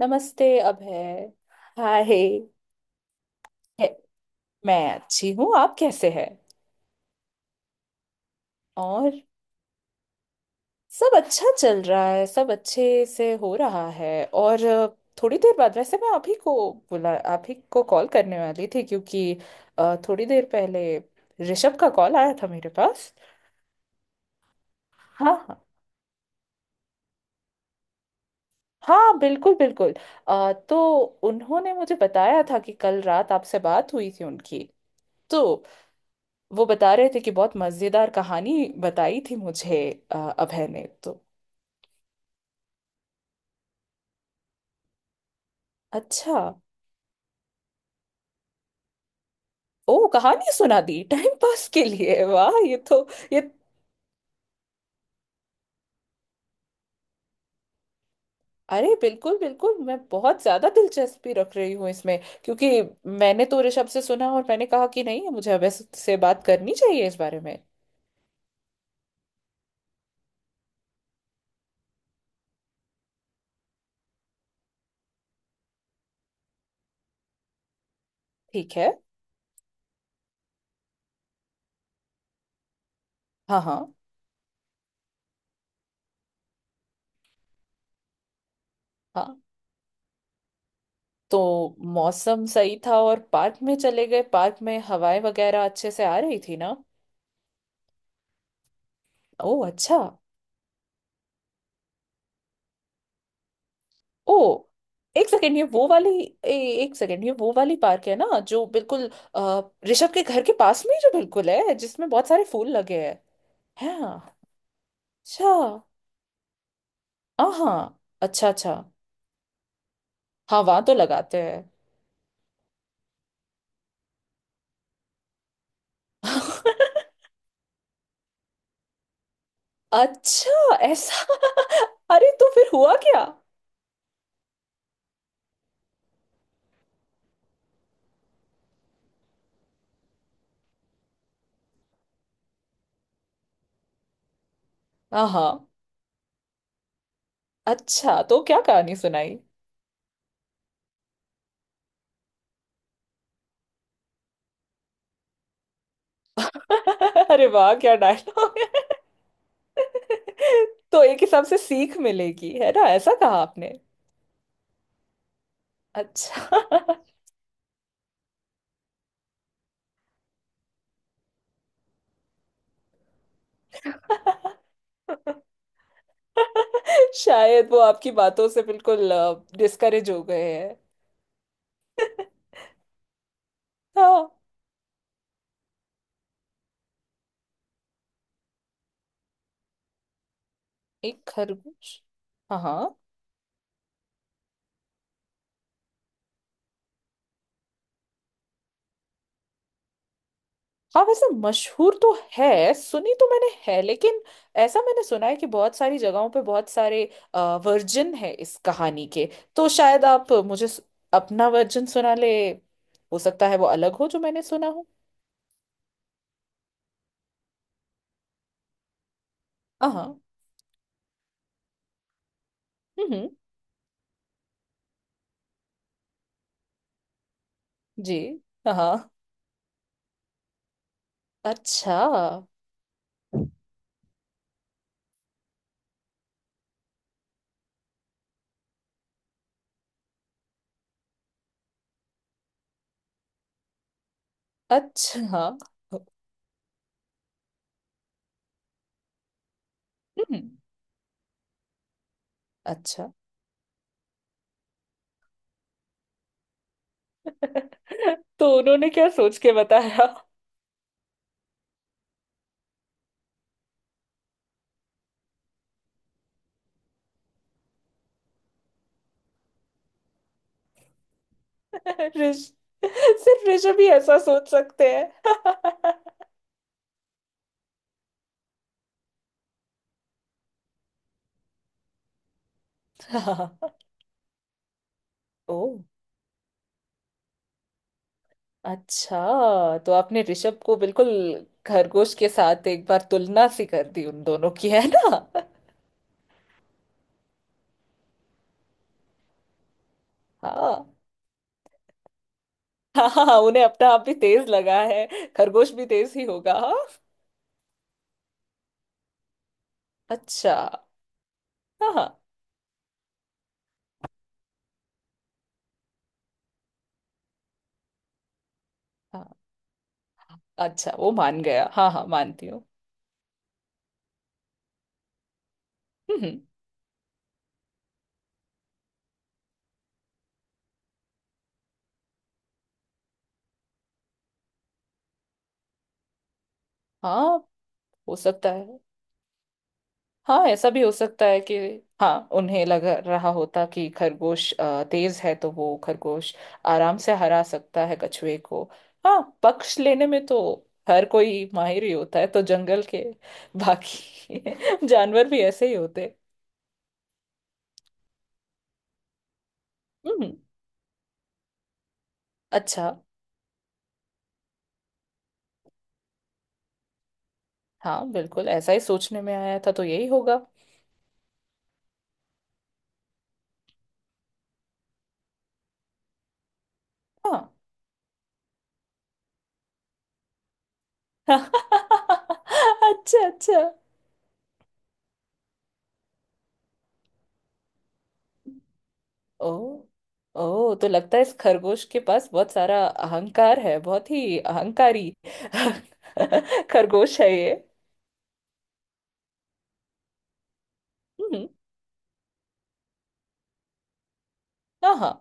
नमस्ते अभय। हाय। है- मैं अच्छी हूँ। आप कैसे हैं? और सब अच्छा चल रहा है। सब अच्छे से हो रहा है। और थोड़ी देर बाद वैसे मैं आप ही को बुला आप ही को कॉल करने वाली थी, क्योंकि थोड़ी देर पहले ऋषभ का कॉल आया था मेरे पास। हाँ हाँ। हाँ बिल्कुल बिल्कुल। तो उन्होंने मुझे बताया था कि कल रात आपसे बात हुई थी उनकी। तो वो बता रहे थे कि बहुत मजेदार कहानी बताई थी मुझे अभय ने तो। अच्छा। ओ कहानी सुना दी टाइम पास के लिए, वाह ये तो ये अरे बिल्कुल बिल्कुल मैं बहुत ज्यादा दिलचस्पी रख रही हूँ इसमें, क्योंकि मैंने तो ऋषभ से सुना और मैंने कहा कि नहीं मुझे अभय से बात करनी चाहिए इस बारे में। ठीक है। हाँ हाँ। हाँ, तो मौसम सही था और पार्क में चले गए। पार्क में हवाएं वगैरह अच्छे से आ रही थी ना? ओ अच्छा। ओ एक सेकेंड ये वो वाली ए, एक सेकेंड ये वो वाली पार्क है ना जो बिल्कुल अ, ऋषभ के घर के पास में ही जो बिल्कुल है जिसमें बहुत सारे फूल लगे हैं। हाँ। अच्छा। हाँ अच्छा अच्छा। हाँ वहां तो लगाते हैं। अच्छा ऐसा। अरे तो फिर हुआ क्या? हाँ हाँ। अच्छा तो क्या कहानी सुनाई? अरे वाह क्या डायलॉग है। तो एक हिसाब से सीख मिलेगी है ना, ऐसा कहा आपने। अच्छा। शायद वो आपकी बातों से बिल्कुल डिस्करेज हो गए हैं। हाँ एक खरगोश। हाँ हाँ। हाँ वैसे मशहूर तो है, सुनी तो मैंने है, लेकिन ऐसा मैंने सुना है कि बहुत सारी जगहों पे बहुत सारे वर्जन है इस कहानी के। तो शायद आप मुझे अपना वर्जन सुना ले। हो सकता है वो अलग हो जो मैंने सुना हो। हाँ हाँ। हम्म। जी। हाँ हाँ। अच्छा अच्छा। हाँ। हम्म। अच्छा तो उन्होंने क्या सोच के बताया? ऋष सिर्फ ऋषभ ही ऐसा सोच सकते हैं। हाँ। ओ अच्छा तो आपने ऋषभ को बिल्कुल खरगोश के साथ एक बार तुलना सी कर दी उन दोनों की, है ना? हाँ हाँ हाँ। हाँ, उन्हें अपना आप भी तेज लगा है। खरगोश भी तेज ही होगा। हाँ। अच्छा। हाँ हाँ हाँ। अच्छा वो मान गया। हाँ हाँ, मानती हूँ। हम्म हम्म। हाँ हो सकता है। हाँ ऐसा भी हो सकता है कि हाँ उन्हें लग रहा होता कि खरगोश तेज है, तो वो खरगोश आराम से हरा सकता है कछुए को। हाँ पक्ष लेने में तो हर कोई माहिर ही होता है, तो जंगल के बाकी जानवर भी ऐसे ही होते। हम्म। अच्छा। हाँ बिल्कुल ऐसा ही सोचने में आया था, तो यही होगा। हाँ। अच्छा अच्छा। ओ। ओ तो लगता है इस खरगोश के पास बहुत सारा अहंकार है, बहुत ही अहंकारी खरगोश है ये। हम्म। हाँ हाँ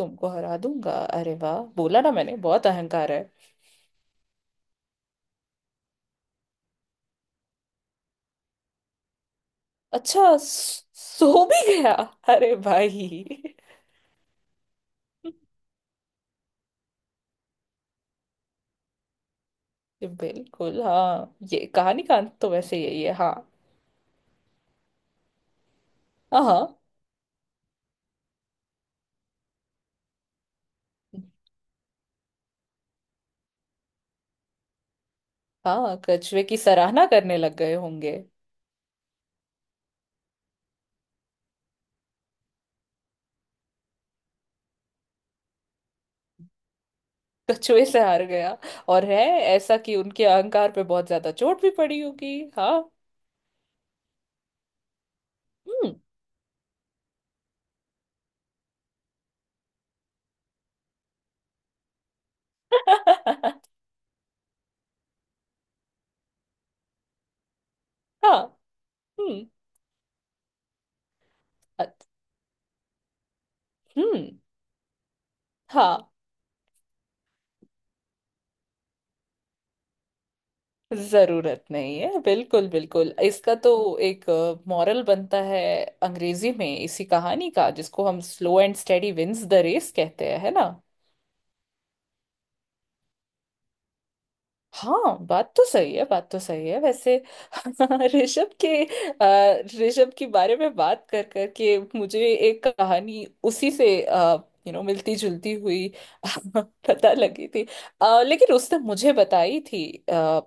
तुमको हरा दूंगा। अरे वाह, बोला ना मैंने, बहुत अहंकार है। अच्छा सो भी गया। अरे भाई। बिल्कुल हाँ, ये कहानी का अंत तो वैसे यही है। हाँ। हाँ हाँ, हाँ, कछुए की सराहना करने लग गए होंगे। कछुए से हार गया। और है ऐसा कि उनके अहंकार पे बहुत ज्यादा चोट भी पड़ी होगी हाँ। हम्म। हाँ। हम्म। अत- हम्म। हाँ जरूरत नहीं है बिल्कुल बिल्कुल। इसका तो एक मॉरल बनता है अंग्रेजी में इसी कहानी का, जिसको हम slow and steady wins the race कहते हैं, है ना? हाँ बात तो सही है, बात तो सही है वैसे। ऋषभ के ऋषभ के बारे में बात कर कर के मुझे एक कहानी उसी से मिलती जुलती हुई पता लगी थी। लेकिन उसने मुझे बताई थी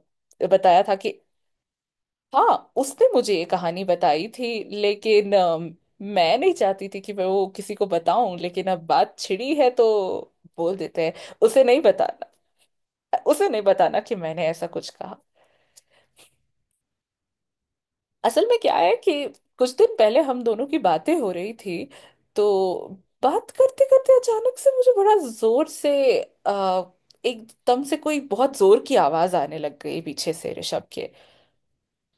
बताया था कि हाँ उसने मुझे ये कहानी बताई थी, लेकिन मैं नहीं चाहती थी कि मैं वो किसी को बताऊं, लेकिन अब बात छिड़ी है तो बोल देते हैं। उसे नहीं बताना। उसे नहीं बताना कि मैंने ऐसा कुछ कहा। असल में क्या है कि कुछ दिन पहले हम दोनों की बातें हो रही थी। तो बात करते करते अचानक से मुझे बड़ा जोर से आ, एकदम से कोई बहुत जोर की आवाज आने लग गई पीछे से ऋषभ के।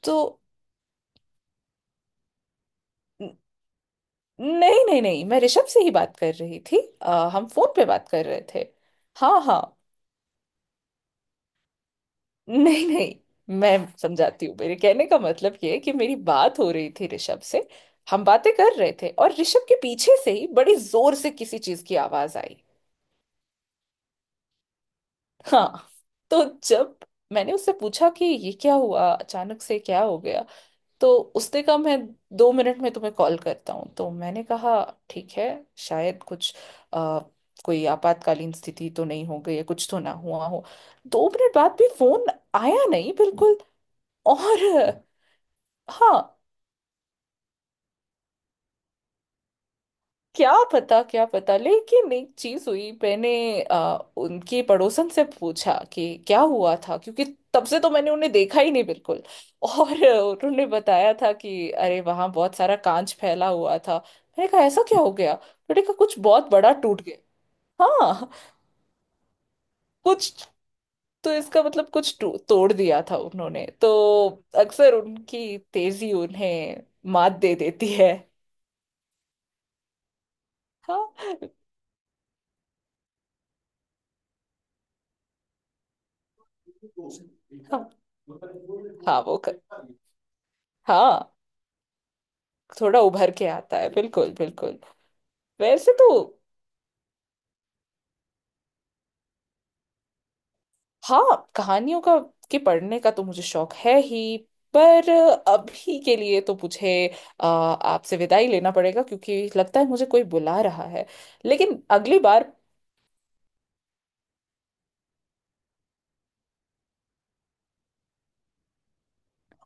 तो न- नहीं नहीं नहीं मैं ऋषभ से ही बात कर रही थी। हम फोन पे बात कर रहे थे। हाँ हाँ। नहीं नहीं। मैं समझाती हूँ, मेरे कहने का मतलब ये है कि मेरी बात हो रही थी ऋषभ से। हम बातें कर रहे थे और ऋषभ के पीछे से ही बड़ी जोर से किसी चीज की आवाज आई। हाँ। तो जब मैंने उससे पूछा कि ये क्या हुआ, अचानक से क्या हो गया, तो उसने कहा मैं 2 मिनट में तुम्हें कॉल करता हूँ, तो मैंने कहा ठीक है। शायद कुछ आ, कोई आपातकालीन स्थिति तो नहीं हो गई है, कुछ तो ना हुआ हो। 2 मिनट बाद भी फोन आया नहीं बिल्कुल। और हाँ, क्या पता क्या पता, लेकिन एक चीज हुई। मैंने उनके पड़ोसन से पूछा कि क्या हुआ था, क्योंकि तब से तो मैंने उन्हें देखा ही नहीं बिल्कुल। और उन्होंने बताया था कि अरे वहां बहुत सारा कांच फैला हुआ था। मैंने कहा ऐसा क्या हो गया, उन्होंने कहा कुछ बहुत बड़ा टूट गया। हाँ। कुछ तो इसका मतलब कुछ तोड़ दिया था उन्होंने तो। अक्सर उनकी तेजी उन्हें मात दे देती है। हाँ हाँ हाँ वो कर। हाँ थोड़ा उभर के आता है बिल्कुल बिल्कुल। वैसे तो हाँ कहानियों का के पढ़ने का तो मुझे शौक है ही। पर अभी के लिए तो मुझे आपसे विदाई लेना पड़ेगा, क्योंकि लगता है मुझे कोई बुला रहा है, लेकिन अगली बार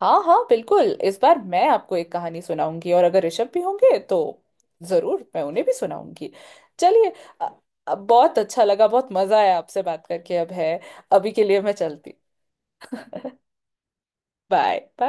हाँ हाँ बिल्कुल, इस बार मैं आपको एक कहानी सुनाऊंगी, और अगर ऋषभ भी होंगे तो जरूर मैं उन्हें भी सुनाऊंगी। चलिए अ- बहुत अच्छा लगा, बहुत मजा आया आपसे बात करके, अब है अभी के लिए मैं चलती। Bye bye.